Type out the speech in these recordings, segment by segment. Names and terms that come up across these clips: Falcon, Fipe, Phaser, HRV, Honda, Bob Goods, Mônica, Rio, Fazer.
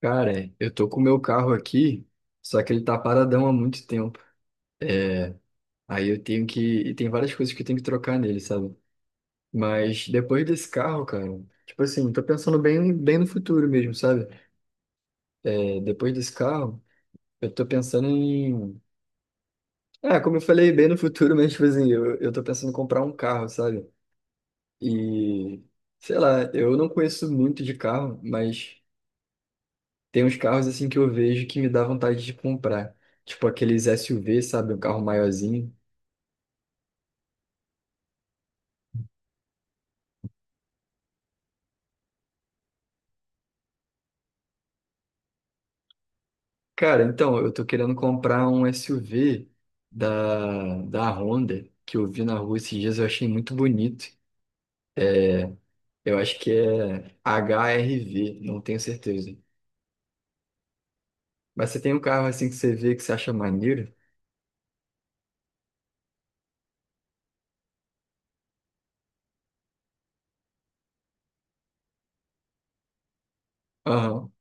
Cara, eu tô com o meu carro aqui, só que ele tá paradão há muito tempo. Aí eu tenho que. E tem várias coisas que eu tenho que trocar nele, sabe? Mas depois desse carro, cara, tipo assim, tô pensando bem, bem no futuro mesmo, sabe? É, depois desse carro, eu tô pensando em. Como eu falei, bem no futuro, mas, tipo assim, eu tô pensando em comprar um carro, sabe? E. Sei lá, eu não conheço muito de carro, mas tem uns carros, assim, que eu vejo que me dá vontade de comprar. Tipo aqueles SUV, sabe? Um carro maiorzinho. Cara, então, eu tô querendo comprar um SUV da Honda, que eu vi na rua esses dias, eu achei muito bonito. Eu acho que é HRV, não tenho certeza. Mas você tem um carro assim que você vê que você acha maneiro? Aham.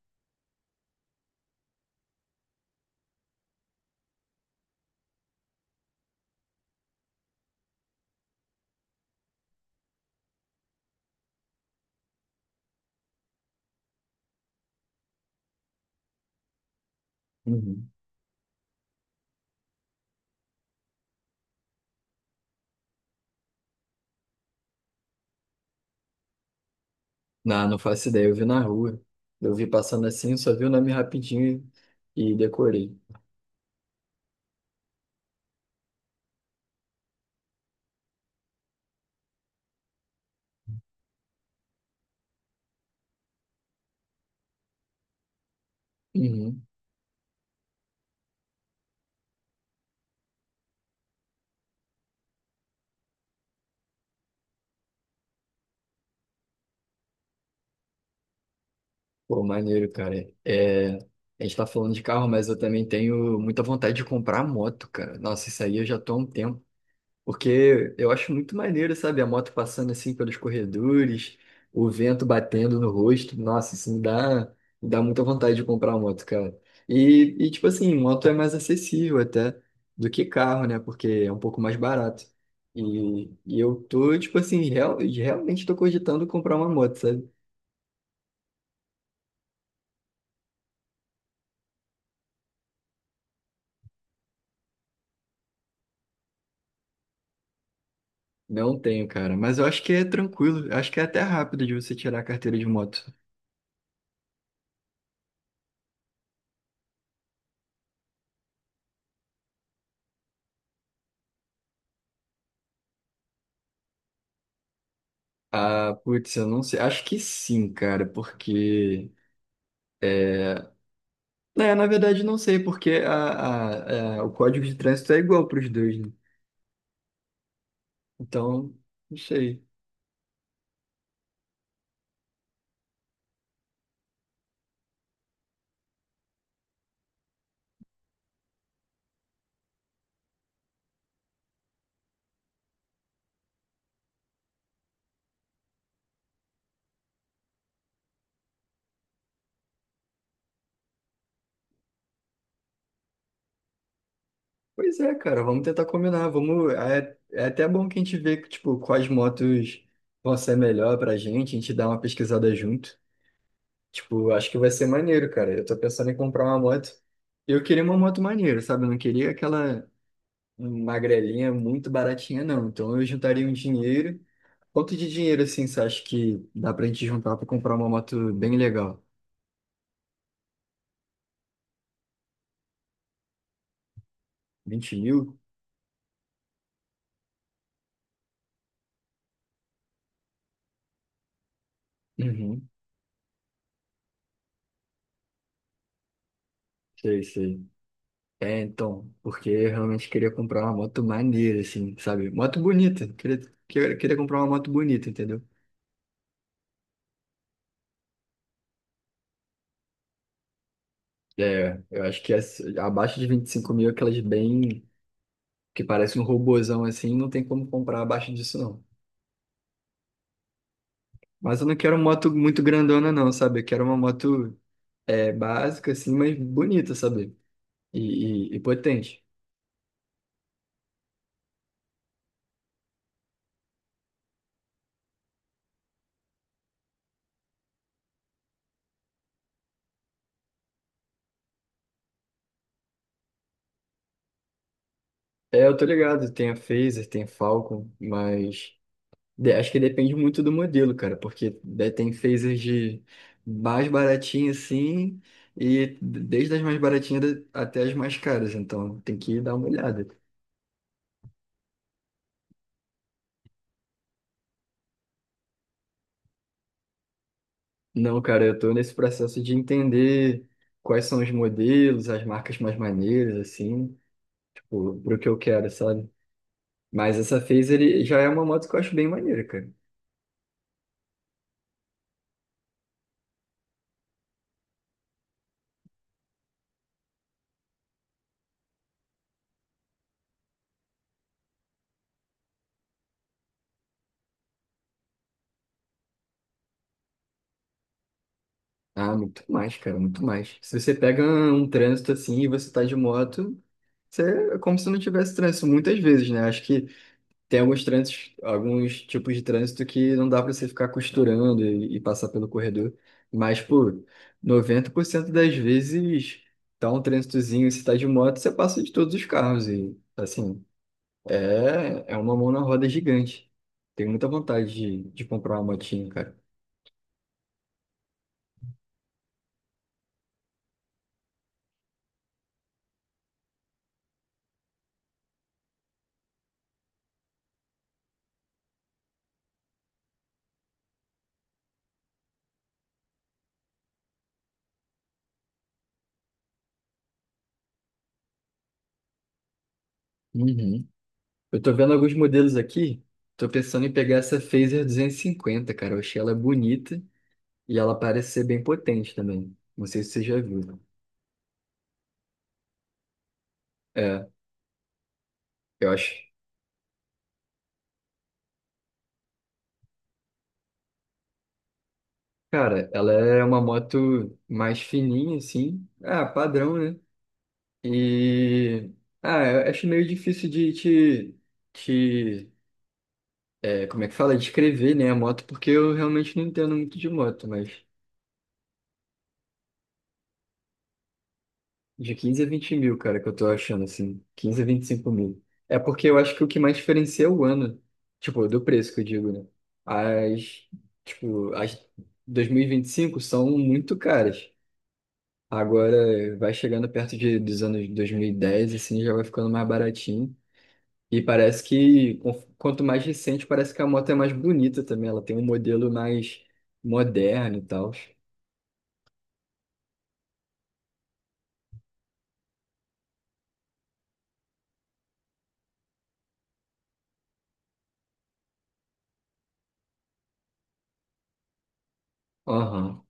Uhum. Não, não faço ideia, eu vi na rua. Eu vi passando assim, eu só vi o nome rapidinho e decorei. Uhum. Pô, maneiro, cara. É, a gente tá falando de carro, mas eu também tenho muita vontade de comprar moto, cara. Nossa, isso aí eu já tô há um tempo. Porque eu acho muito maneiro, sabe? A moto passando assim pelos corredores, o vento batendo no rosto. Nossa, me dá muita vontade de comprar uma moto, cara. Tipo assim, moto é mais acessível até do que carro, né? Porque é um pouco mais barato. Eu tô, tipo assim, realmente tô cogitando comprar uma moto, sabe? Não tenho, cara. Mas eu acho que é tranquilo. Eu Acho que é até rápido de você tirar a carteira de moto. Ah, putz, eu não sei. Acho que sim, cara, porque. é, É, na verdade, não sei, porque o código de trânsito é igual para os dois, né? Então, não sei. Pois é, cara, vamos tentar combinar. Vamos, é até bom que a gente vê, tipo, quais motos vão ser melhor pra gente, a gente dá uma pesquisada junto. Tipo, acho que vai ser maneiro, cara. Eu tô pensando em comprar uma moto. Eu queria uma moto maneira, sabe? Eu não queria aquela magrelinha muito baratinha, não. Então, eu juntaria um dinheiro. Quanto de dinheiro, assim, você acha que dá pra gente juntar pra comprar uma moto bem legal? 20 mil? Uhum. Sei, sei. É, então, porque eu realmente queria comprar uma moto maneira, assim, sabe? Moto bonita. Queria comprar uma moto bonita, entendeu? É, eu acho que as- abaixo de 25 mil, aquelas bem, que parecem um robozão, assim, não tem como comprar abaixo disso, não. Mas eu não quero moto muito grandona, não, sabe? Eu quero uma moto, é, básica, assim, mas bonita, sabe? E, e potente. É, eu tô ligado, tem a Fazer, tem a Falcon, mas... De- Acho que depende muito do modelo, cara, porque né, tem phasers de mais baratinha assim, e desde as mais baratinhas da- até as mais caras, então tem que dar uma olhada. Não, cara, eu tô nesse processo de entender quais são os modelos, as marcas mais maneiras, assim, tipo, pro que eu quero, sabe? Mas essa phaser ele já é uma moto que eu acho bem maneira, cara. Ah, muito mais, cara, muito mais. Se você pega um trânsito assim e você tá de moto. Você, é como se não tivesse trânsito muitas vezes, né? Acho que tem alguns trânsitos, alguns tipos de trânsito que não dá para você ficar costurando passar pelo corredor, mas por 90% das vezes tá um trânsitozinho, se tá de moto, você passa de todos os carros e assim, é uma mão na roda gigante. Tenho muita vontade de comprar uma motinha, cara. Uhum. Eu tô vendo alguns modelos aqui, tô pensando em pegar essa Fazer 250, cara. Eu achei ela bonita e ela parece ser bem potente também. Não sei se você já viu. É, eu acho. Cara, ela é uma moto mais fininha, assim. Ah, padrão, né? E. Ah, eu acho meio difícil de te. Te é, como é que fala? Descrever, né, a moto, porque eu realmente não entendo muito de moto, mas de 15 a 20 mil, cara, que eu tô achando, assim. 15 a 25 mil. É porque eu acho que o que mais diferencia é o ano. Tipo, do preço que eu digo, né? As. Tipo, as dois mil e vinte e cinco são muito caras. Agora vai chegando perto dos anos 2010 assim, já vai ficando mais baratinho. E parece que, con- quanto mais recente, parece que a moto é mais bonita também. Ela tem um modelo mais moderno e tal. Aham.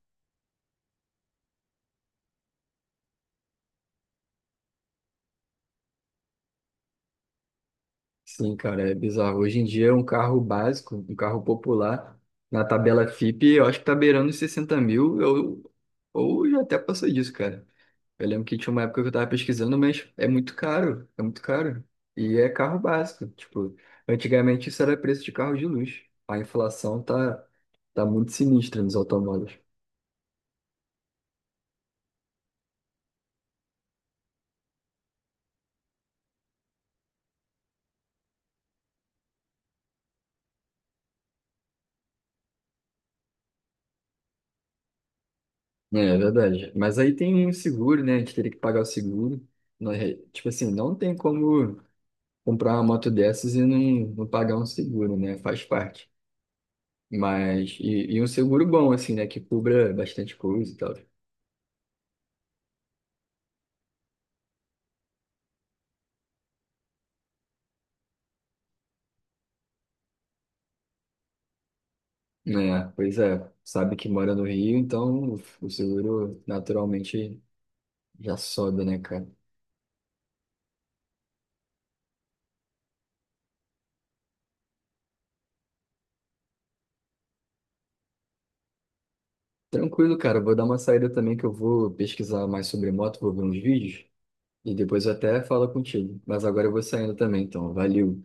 Sim, cara, é bizarro. Hoje em dia, um carro básico, um carro popular, na tabela Fipe, eu acho que tá beirando os 60 mil, ou já até passou disso, cara. Eu lembro que tinha uma época que eu tava pesquisando, mas é muito caro, é muito caro. E é carro básico, tipo, antigamente isso era preço de carro de luxo. A inflação tá, tá muito sinistra nos automóveis. É, é verdade. Mas aí tem o seguro, né? A gente teria que pagar o seguro. Não é- Tipo assim, não tem como comprar uma moto dessas não pagar um seguro, né? Faz parte. Mas, um seguro bom, assim, né? Que cubra bastante coisa e tal. É, pois é, sabe que mora no Rio, então o seguro naturalmente já sobe, né, cara? Tranquilo, cara, eu vou dar uma saída também que eu vou pesquisar mais sobre moto, vou ver uns vídeos e depois eu até falo contigo. Mas agora eu vou saindo também, então, valeu.